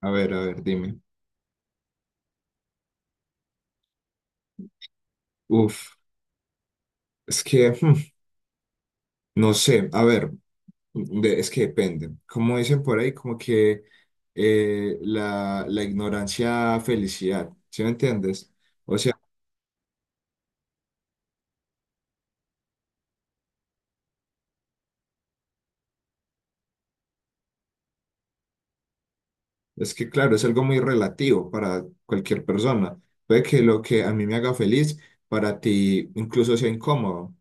A ver, dime. Uf, es que, no sé, a ver, es que depende. Como dicen por ahí, como que la ignorancia, felicidad, ¿sí me entiendes? O sea, es que claro, es algo muy relativo para cualquier persona. Puede que lo que a mí me haga feliz, para ti incluso sea incómodo.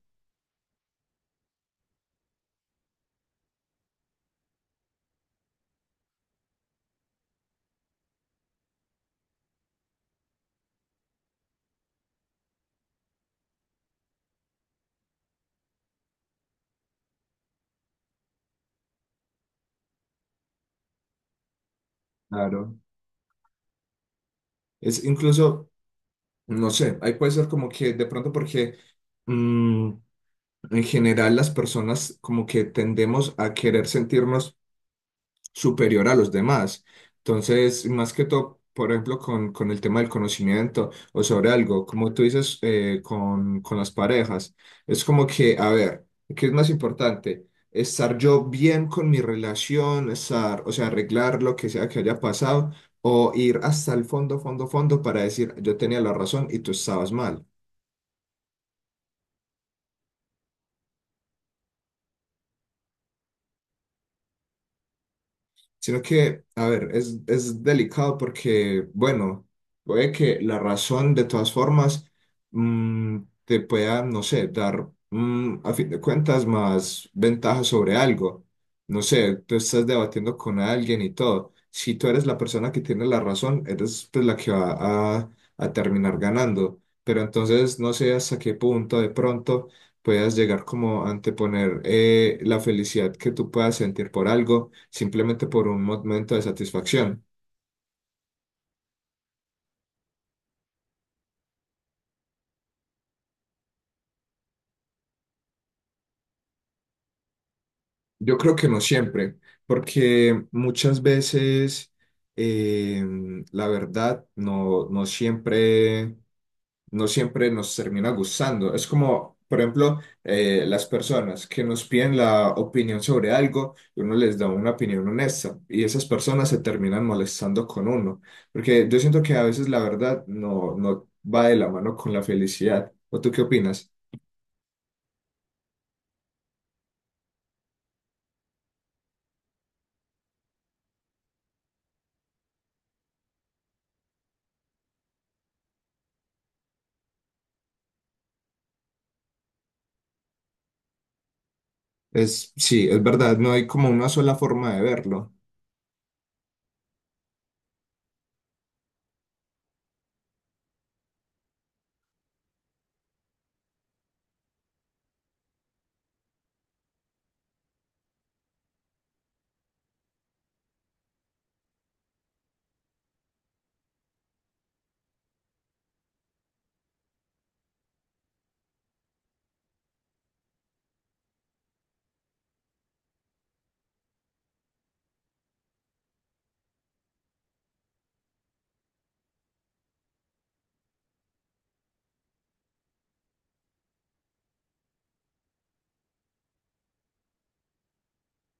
Claro. Es incluso, no sé, ahí puede ser como que de pronto mm, en general, las personas como que tendemos a querer sentirnos superior a los demás. Entonces, más que todo, por ejemplo, con el tema del conocimiento o sobre algo, como tú dices, con las parejas, es como que, a ver, ¿qué es más importante? Estar yo bien con mi relación, estar, o sea, arreglar lo que sea que haya pasado, o ir hasta el fondo, fondo, fondo para decir, yo tenía la razón y tú estabas mal. Sino que, a ver, es delicado porque, bueno, puede que la razón de todas formas mm, te pueda, no sé, dar, a fin de cuentas, más ventajas sobre algo. No sé, tú estás debatiendo con alguien y todo. Si tú eres la persona que tiene la razón, eres, pues, la que va a terminar ganando. Pero entonces no sé hasta qué punto de pronto puedas llegar como a anteponer la felicidad que tú puedas sentir por algo simplemente por un momento de satisfacción. Yo creo que no siempre, porque muchas veces eh, la verdad no siempre nos termina gustando. Es como, por ejemplo, las personas que nos piden la opinión sobre algo, y uno les da una opinión honesta, y esas personas se terminan molestando con uno, porque yo siento que a veces la verdad no va de la mano con la felicidad. ¿O tú qué opinas? Sí, es verdad, no hay como una sola forma de verlo.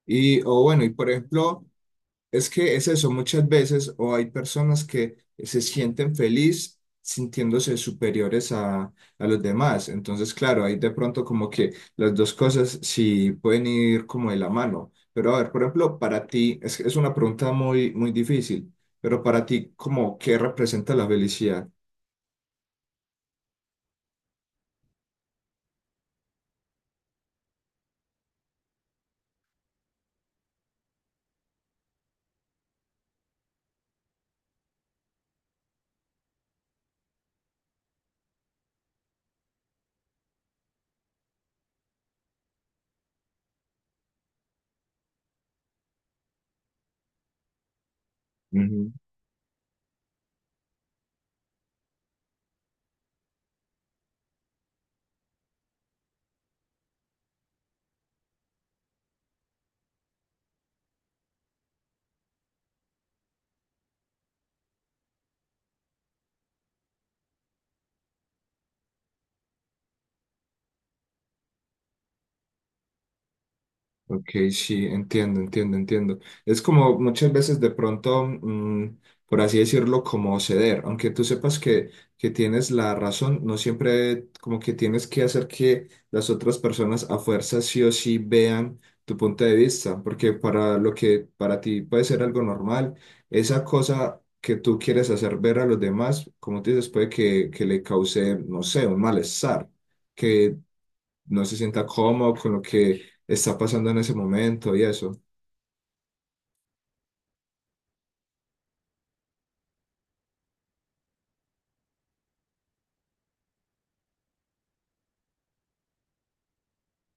Y, o bueno, y por ejemplo. Es que es eso, muchas veces, o hay personas que se sienten feliz sintiéndose superiores a los demás. Entonces, claro, ahí de pronto como que las dos cosas sí pueden ir como de la mano. Pero a ver, por ejemplo, para ti, es una pregunta muy, muy difícil, pero para ti, como, ¿qué representa la felicidad? Ok, sí, entiendo, entiendo, entiendo. Es como muchas veces de pronto, por así decirlo, como ceder, aunque tú sepas que tienes la razón, no siempre como que tienes que hacer que las otras personas a fuerza sí o sí vean tu punto de vista, porque para lo que para ti puede ser algo normal, esa cosa que tú quieres hacer ver a los demás, como te dices, puede que le cause, no sé, un malestar, que no se sienta cómodo con lo que está pasando en ese momento y eso.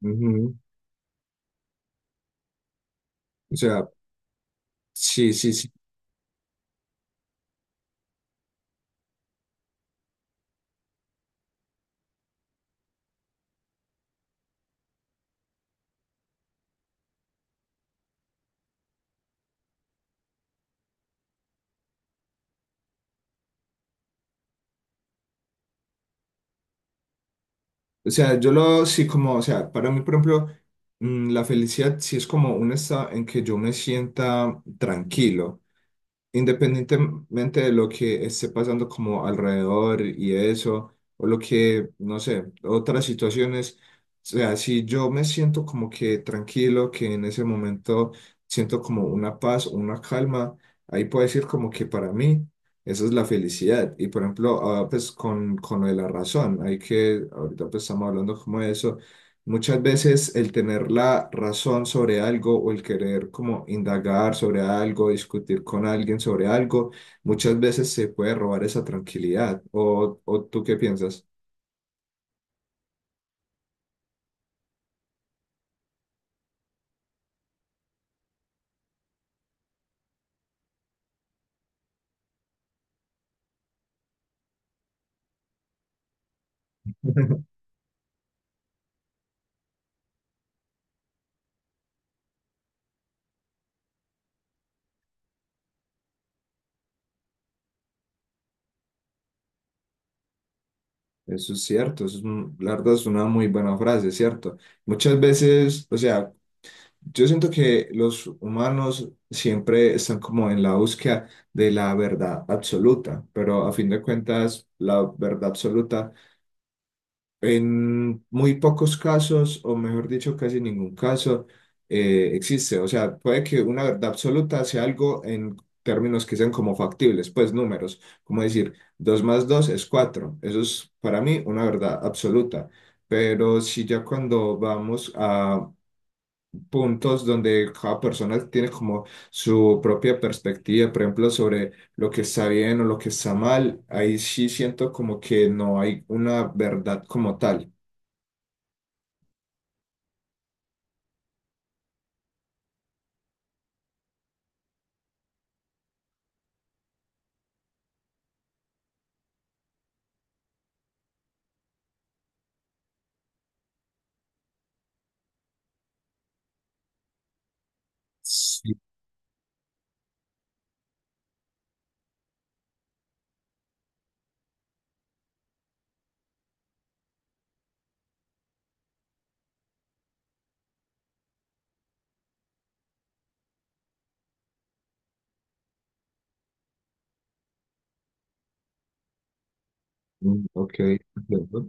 Ujú. O sea, sí, sí, sí. O sea, yo lo sí como, o sea, para mí, por ejemplo, la felicidad sí es como un estado en que yo me sienta tranquilo, independientemente de lo que esté pasando como alrededor y eso, o lo que, no sé, otras situaciones. O sea, si yo me siento como que tranquilo, que en ese momento siento como una paz, una calma, ahí puedo decir como que para mí esa es la felicidad. Y por ejemplo, ahora pues con lo de la razón, hay que, ahorita pues estamos hablando como de eso. Muchas veces el tener la razón sobre algo o el querer como indagar sobre algo, discutir con alguien sobre algo, muchas veces se puede robar esa tranquilidad. ¿O tú qué piensas? Eso es cierto, eso es, la verdad es una muy buena frase, ¿cierto? Muchas veces, o sea, yo siento que los humanos siempre están como en la búsqueda de la verdad absoluta, pero a fin de cuentas, la verdad absoluta en muy pocos casos, o mejor dicho, casi ningún caso, existe. O sea, puede que una verdad absoluta sea algo en términos que sean como factibles, pues números, como decir, 2 más 2 es cuatro. Eso es para mí una verdad absoluta. Pero si ya cuando vamos a puntos donde cada persona tiene como su propia perspectiva, por ejemplo, sobre lo que está bien o lo que está mal, ahí sí siento como que no hay una verdad como tal. Sí, ok, entiendo.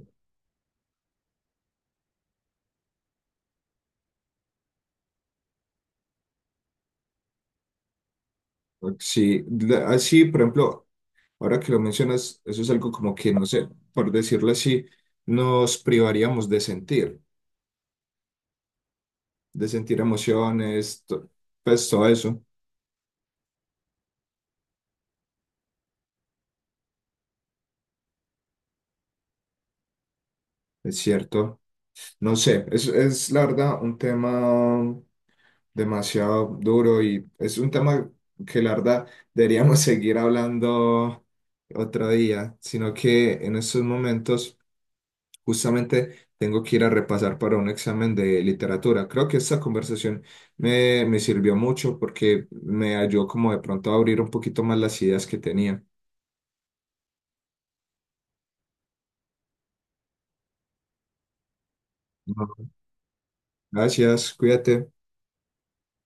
Ok, sí, así, por ejemplo, ahora que lo mencionas, eso es algo como que, no sé, por decirlo así, nos privaríamos de sentir, emociones, pues todo eso, es cierto. No sé, es la verdad un tema demasiado duro, y es un tema que la verdad deberíamos seguir hablando otro día, sino que en estos momentos, justamente tengo que ir a repasar para un examen de literatura. Creo que esta conversación me sirvió mucho porque me ayudó como de pronto a abrir un poquito más las ideas que tenía. No. Gracias, cuídate.